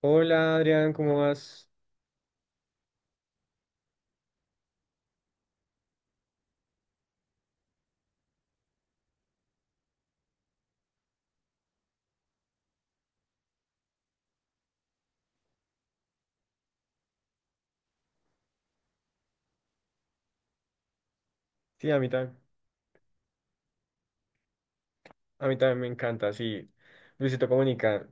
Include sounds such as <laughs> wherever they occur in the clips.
Hola Adrián, ¿cómo vas? Sí, a mí, a mí también me encanta, sí. Luisito Comunica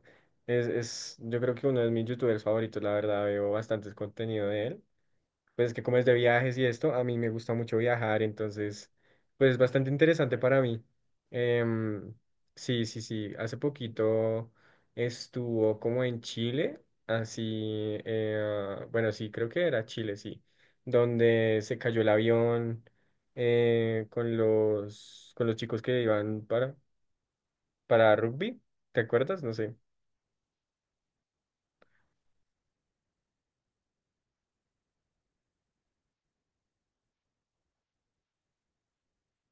es, yo creo que uno de mis youtubers favoritos, la verdad, veo bastantes contenido de él. Pues que como es de viajes y esto, a mí me gusta mucho viajar, entonces, pues es bastante interesante para mí. Em, sí, sí, sí, hace poquito estuvo como en Chile, así, bueno, sí, creo que era Chile, sí, donde se cayó el avión con los chicos que iban para rugby, ¿te acuerdas? No sé.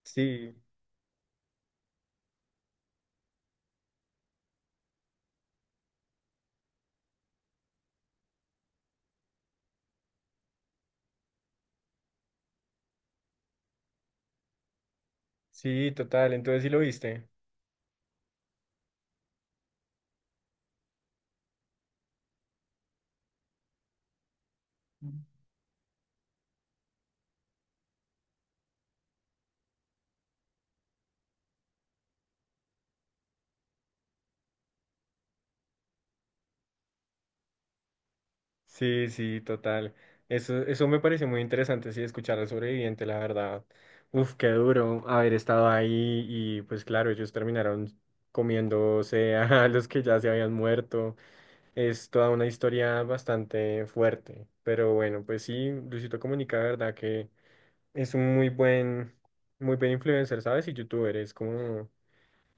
Sí, sí, total, entonces sí lo viste. Sí, sí, total. Eso me pareció muy interesante, sí, escuchar al sobreviviente, la verdad. Uf, qué duro haber estado ahí y pues claro, ellos terminaron comiéndose a <laughs> los que ya se habían muerto. Es toda una historia bastante fuerte, pero bueno, pues sí, Luisito Comunica, la verdad que es un muy buen influencer, ¿sabes? Y youtuber, es como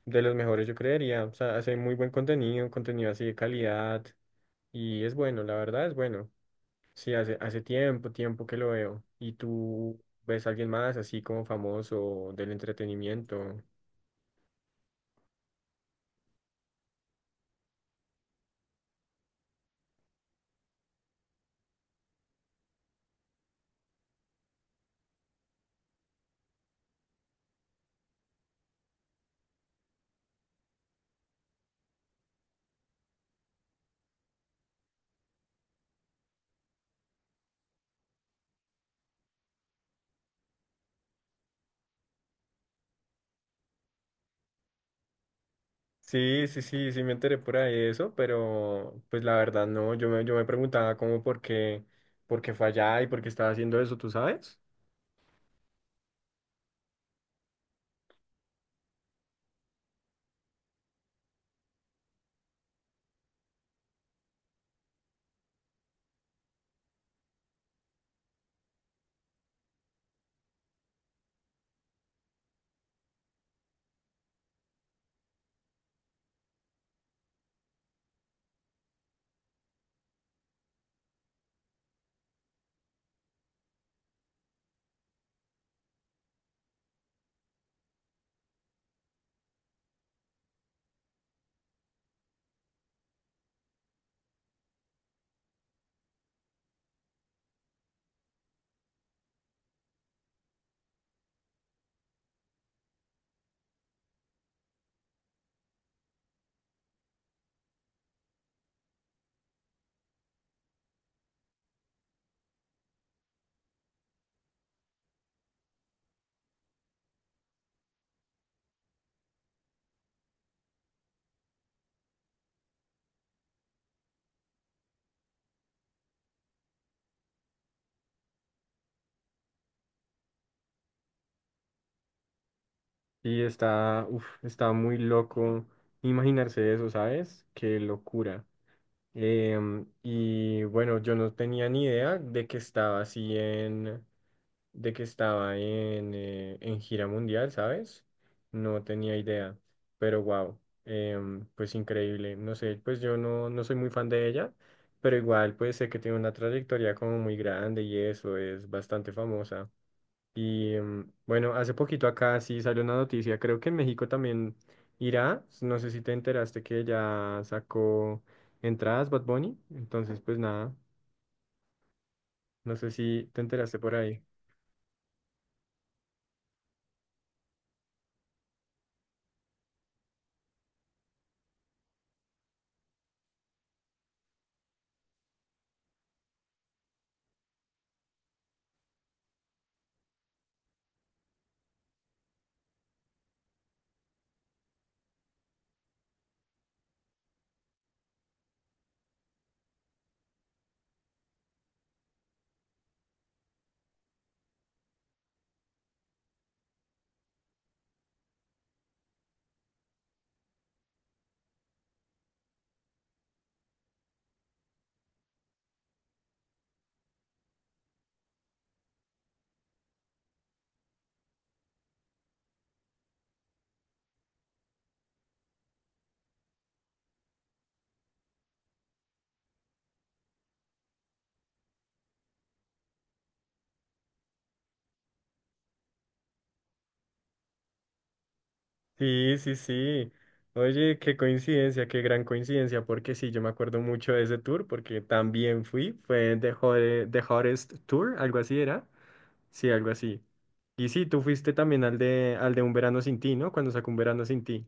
de los mejores, yo creería. O sea, hace muy buen contenido, contenido así de calidad y es bueno, la verdad es bueno. Sí, hace, hace tiempo, tiempo que lo veo. ¿Y tú ves a alguien más así como famoso del entretenimiento? Sí, sí, sí, sí me enteré por ahí de eso, pero pues la verdad no, yo me preguntaba como por qué fue allá y por qué estaba haciendo eso, ¿tú sabes? Y está, uf, está muy loco imaginarse eso, ¿sabes? Qué locura. Y bueno, yo no tenía ni idea de que estaba así en... de que estaba en en gira mundial, ¿sabes? No tenía idea, pero wow, pues increíble. No sé, pues yo no, no soy muy fan de ella, pero igual pues sé que tiene una trayectoria como muy grande y eso es bastante famosa. Y bueno, hace poquito acá sí salió una noticia, creo que en México también irá, no sé si te enteraste que ya sacó entradas Bad Bunny, entonces pues nada, no sé si te enteraste por ahí. Sí, sí, sí. Oye, qué coincidencia, qué gran coincidencia, porque sí, yo me acuerdo mucho de ese tour, porque también fui, fue The Hottest Tour, algo así era. Sí, algo así. Y sí, tú fuiste también al de Un Verano Sin Ti, ¿no? Cuando sacó Un Verano Sin Ti.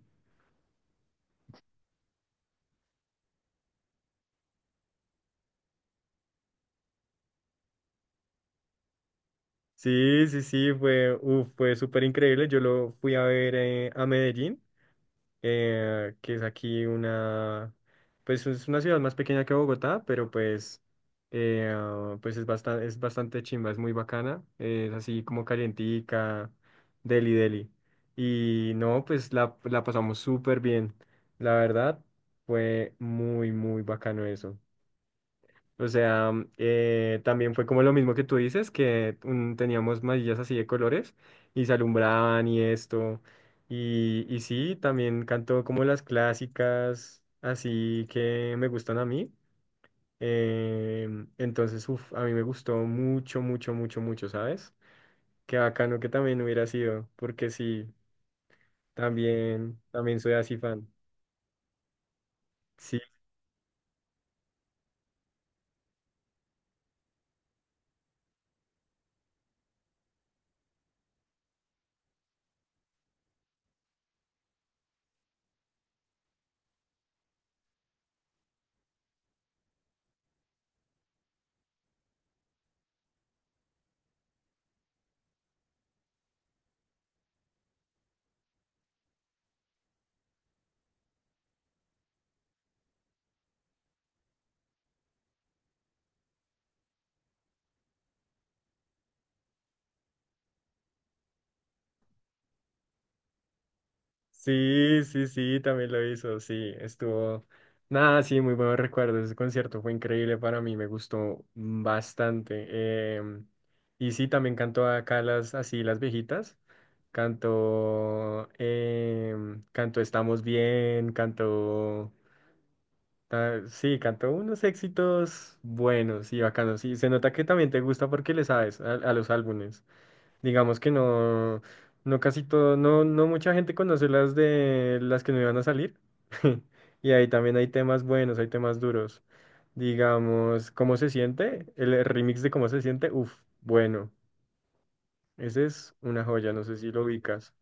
Sí, sí, sí, fue, uf, fue súper increíble. Yo lo fui a ver a Medellín, que es aquí una, pues es una ciudad más pequeña que Bogotá, pero pues, pues es bastante chimba, es muy bacana, es así como calientica, deli deli. Y no, pues la pasamos súper bien, la verdad, fue muy, muy bacano eso. O sea, también fue como lo mismo que tú dices, que teníamos mallas así de colores y se alumbraban y esto. Y sí, también cantó como las clásicas, así que me gustan a mí. Entonces, uf, a mí me gustó mucho, mucho, mucho, mucho, ¿sabes? Qué bacano que también hubiera sido, porque sí, también, también soy así fan. Sí. Sí, sí, sí, también lo hizo, sí, estuvo, nada, sí, muy buenos recuerdos, ese concierto fue increíble para mí, me gustó bastante. Y sí, también cantó acá las, así, las viejitas, cantó, cantó Estamos Bien, sí, cantó unos éxitos buenos y bacanos. Sí, se nota que también te gusta porque le sabes a los álbumes. Digamos que no, no casi todo, no, no mucha gente conoce las de las que no iban a salir. <laughs> Y ahí también hay temas buenos, hay temas duros. Digamos, ¿cómo se siente? El remix de cómo se siente, uff, bueno, ese es una joya, no sé si lo ubicas.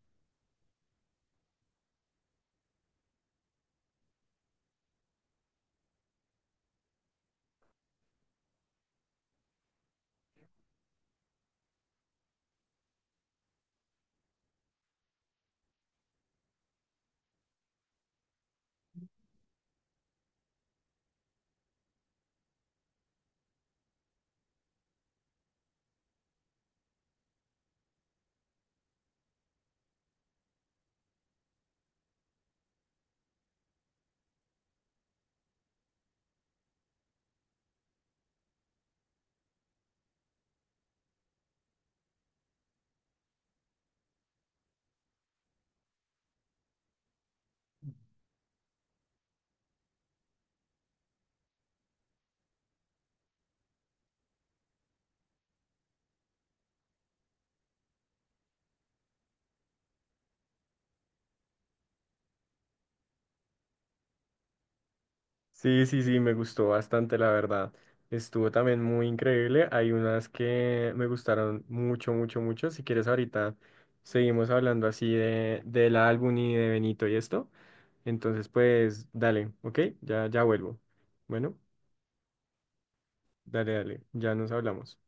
Sí, sí, sí, me gustó bastante, la verdad. Estuvo también muy increíble. Hay unas que me gustaron mucho, mucho, mucho. Si quieres, ahorita seguimos hablando así del álbum y de Benito y esto. Entonces, pues, dale, ¿ok? Ya, ya vuelvo. Bueno, dale, dale, ya nos hablamos.